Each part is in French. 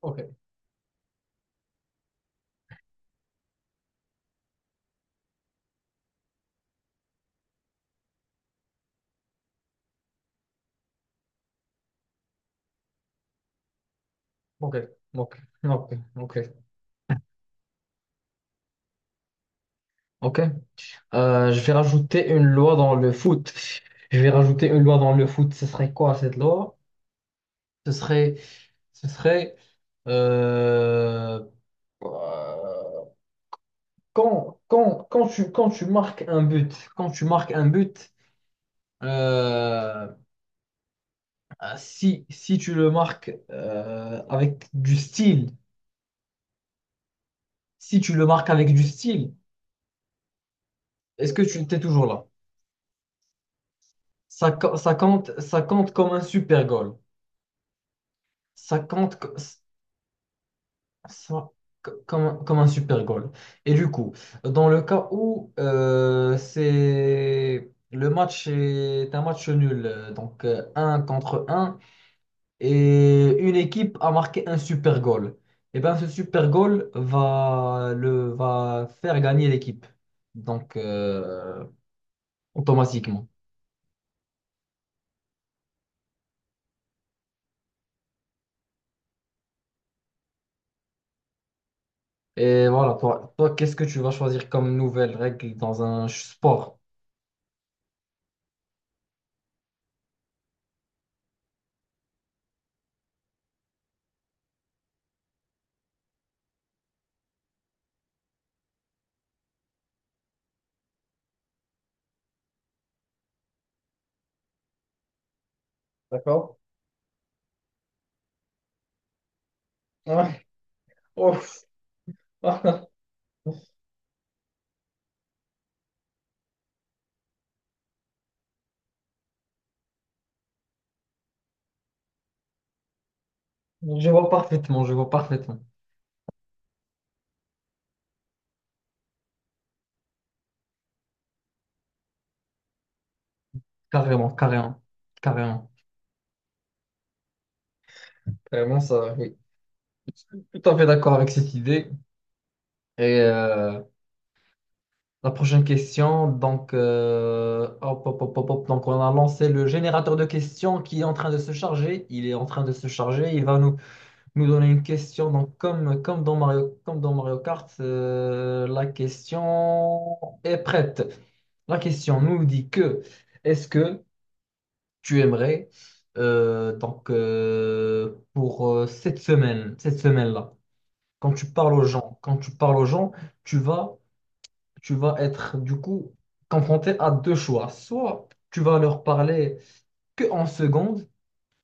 Ok, ok, ok, ok, ok, ok. Je vais rajouter une loi dans le foot. Je vais rajouter une loi dans le foot. Ce serait quoi cette loi? Ce serait, ce serait euh, euh, quand tu marques un but, quand tu marques un but, euh, si tu le marques avec du style, si tu le marques avec du style, est-ce que tu t'es toujours là? Ça compte comme un super goal. Ça compte co- ça- co- comme un super goal. Et du coup, dans le cas où c'est le match est un match nul, donc 1-1 et une équipe a marqué un super goal, et bien ce super goal va faire gagner l'équipe, donc automatiquement. Et voilà, toi qu'est-ce que tu vas choisir comme nouvelle règle dans un sport? D'accord? Ouais. Ouf. Je vois parfaitement, je vois parfaitement. Carrément, carrément, carrément. Carrément, ça, oui. Tout à fait d'accord avec cette idée. Et euh, la prochaine question, donc, hop, hop, hop, hop, hop. Donc on a lancé le générateur de questions qui est en train de se charger. Il est en train de se charger. Il va nous donner une question. Donc, comme dans Mario Kart, la question est prête. La question nous dit que est-ce que tu aimerais. Donc, pour cette semaine, cette semaine-là, quand tu parles aux gens, quand tu parles aux gens, tu vas, tu vas être du coup confronté à deux choix. Soit tu vas leur parler que en seconde,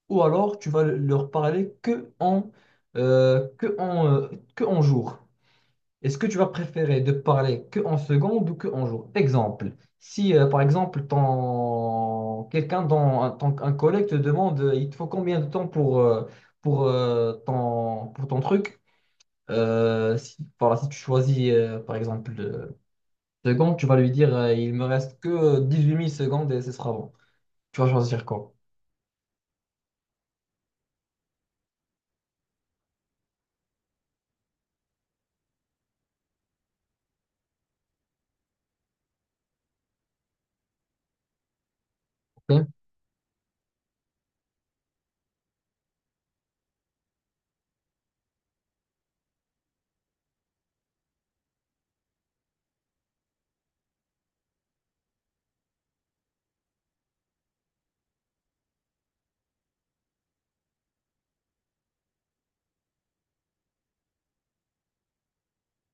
ou alors tu vas leur parler euh, que en, euh, que en jour. Est-ce que tu vas préférer de parler que en secondes ou que en jours? Exemple, si par exemple ton quelqu'un dans un, un collègue te demande il te faut combien de temps pour ton pour ton truc, si, voilà, si tu choisis par exemple secondes, tu vas lui dire il me reste que 18 000 secondes et ce sera bon. Tu vas choisir quoi? Ok,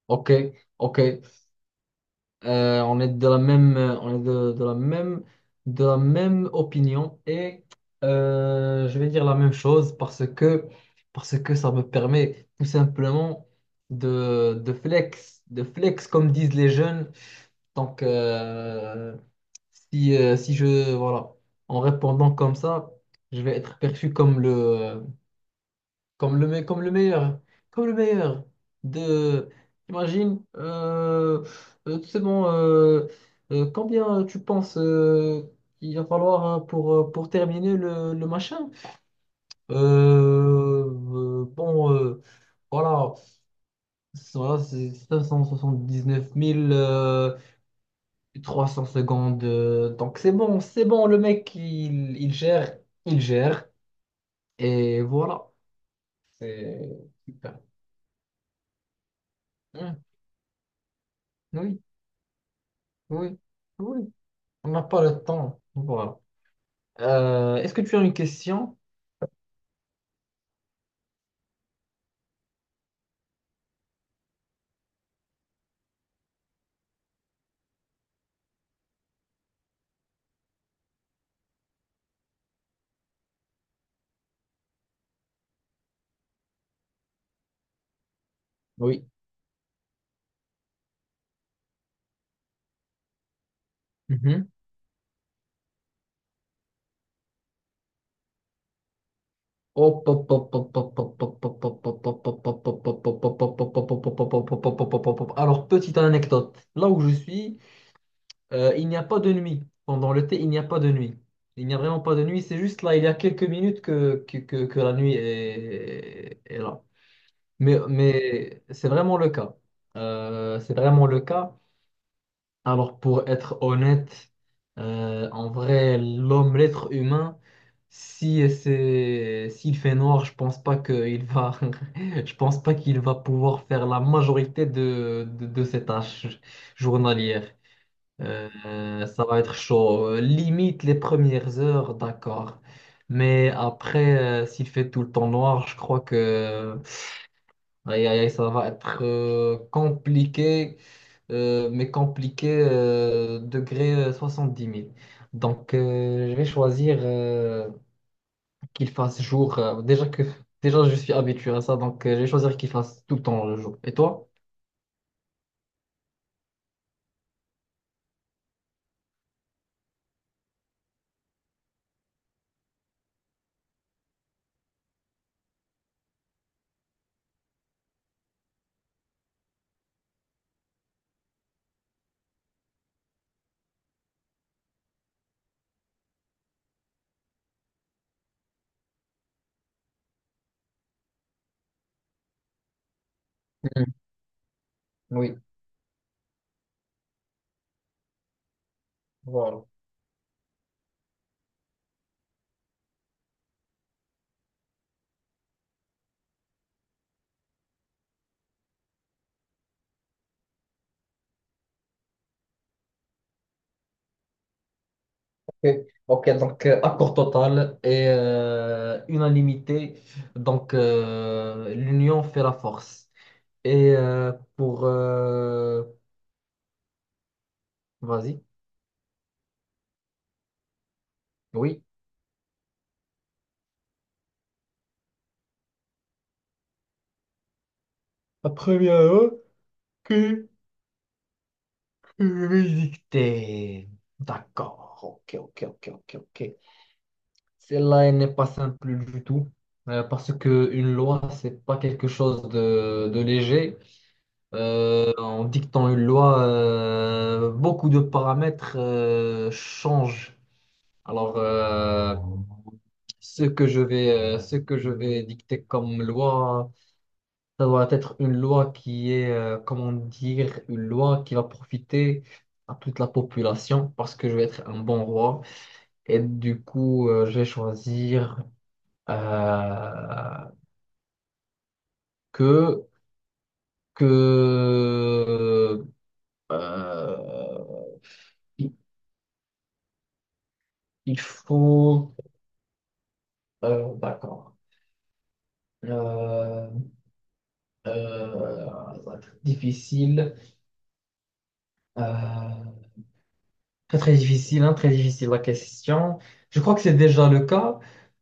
ok, ok. On est de la même, de la même, de la même opinion et je vais dire la même chose parce que ça me permet tout simplement de flex comme disent les jeunes. Donc, si, si je, voilà, en répondant comme ça, je vais être perçu comme le meilleur. Comme le meilleur. De... Imagine, c'est bon, combien tu penses il va falloir hein, pour terminer le machin? Bon, voilà, c'est 579 000 300 secondes. Donc c'est bon, le mec, il gère, il gère. Et voilà, c'est super. Hein, oui. Oui, oui. On n'a pas le temps. Voilà. Est-ce que tu as une question? Oui. Mhm. Hop, hop, hop, hop, hop, hop, hop, hop, hop, hop, hop, hop, hop, hop, hop, hop, hop, hop, hop, hop, hop, hop, hop, hop, hop, hop, hop. Alors, petite anecdote. Là où je suis, il n'y a pas de nuit. Pendant l'été, il n'y a pas de nuit. Il n'y a vraiment pas de nuit. C'est juste là, il y a quelques minutes que la nuit est là. Mais c'est vraiment le cas. C'est vraiment le cas. Alors, pour être honnête, en vrai, l'homme, l'être humain, si c'est, s'il fait noir, je pense pas qu'il va, je pense pas qu'il va pouvoir faire la majorité de ses tâches journalières. Ça va être chaud. Limite les premières heures, d'accord. Mais après, s'il fait tout le temps noir, je crois que aïe, aïe, aïe, ça va être compliqué, mais compliqué, degré 10 000. Donc, je vais choisir qu'il fasse jour. Déjà, je suis habitué à ça, donc je vais choisir qu'il fasse tout le temps le jour. Et toi? Mhm. Oui, voilà. Ok, ok, donc accord total et unanimité. Donc, l'union fait la force. Et pour... vas-y, oui. La première, ok. Musique thé. D'accord. Ok, ok, ok, ok, ok. Celle-là, elle n'est pas simple du tout. Parce que une loi, c'est pas quelque chose de léger. En dictant une loi, beaucoup de paramètres changent. Alors, ce que je vais dicter comme loi. Ça doit être une loi qui est, comment dire, une loi qui va profiter à toute la population parce que je vais être un bon roi. Et du coup, je vais choisir euh, que, que euh, il il faut... d'accord. Euh, euh, Ça va être difficile. Euh, Très, très difficile, hein, très difficile la question. Je crois que c'est déjà le cas.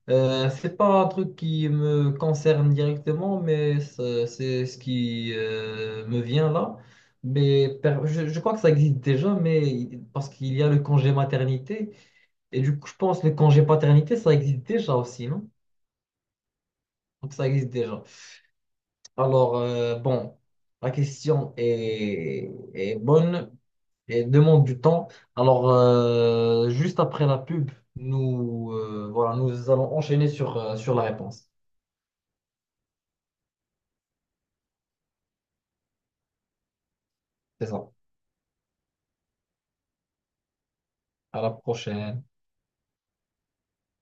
C'est pas un truc qui me concerne directement, mais c'est ce qui me vient là. Mais je crois que ça existe déjà, mais parce qu'il y a le congé maternité. Et du coup, je pense que le congé paternité, ça existe déjà aussi, non? Donc ça existe déjà. Alors, bon, la question est bonne. Et demande du temps. Alors, juste après la pub, nous, nous allons enchaîner sur la réponse. C'est ça. À la prochaine.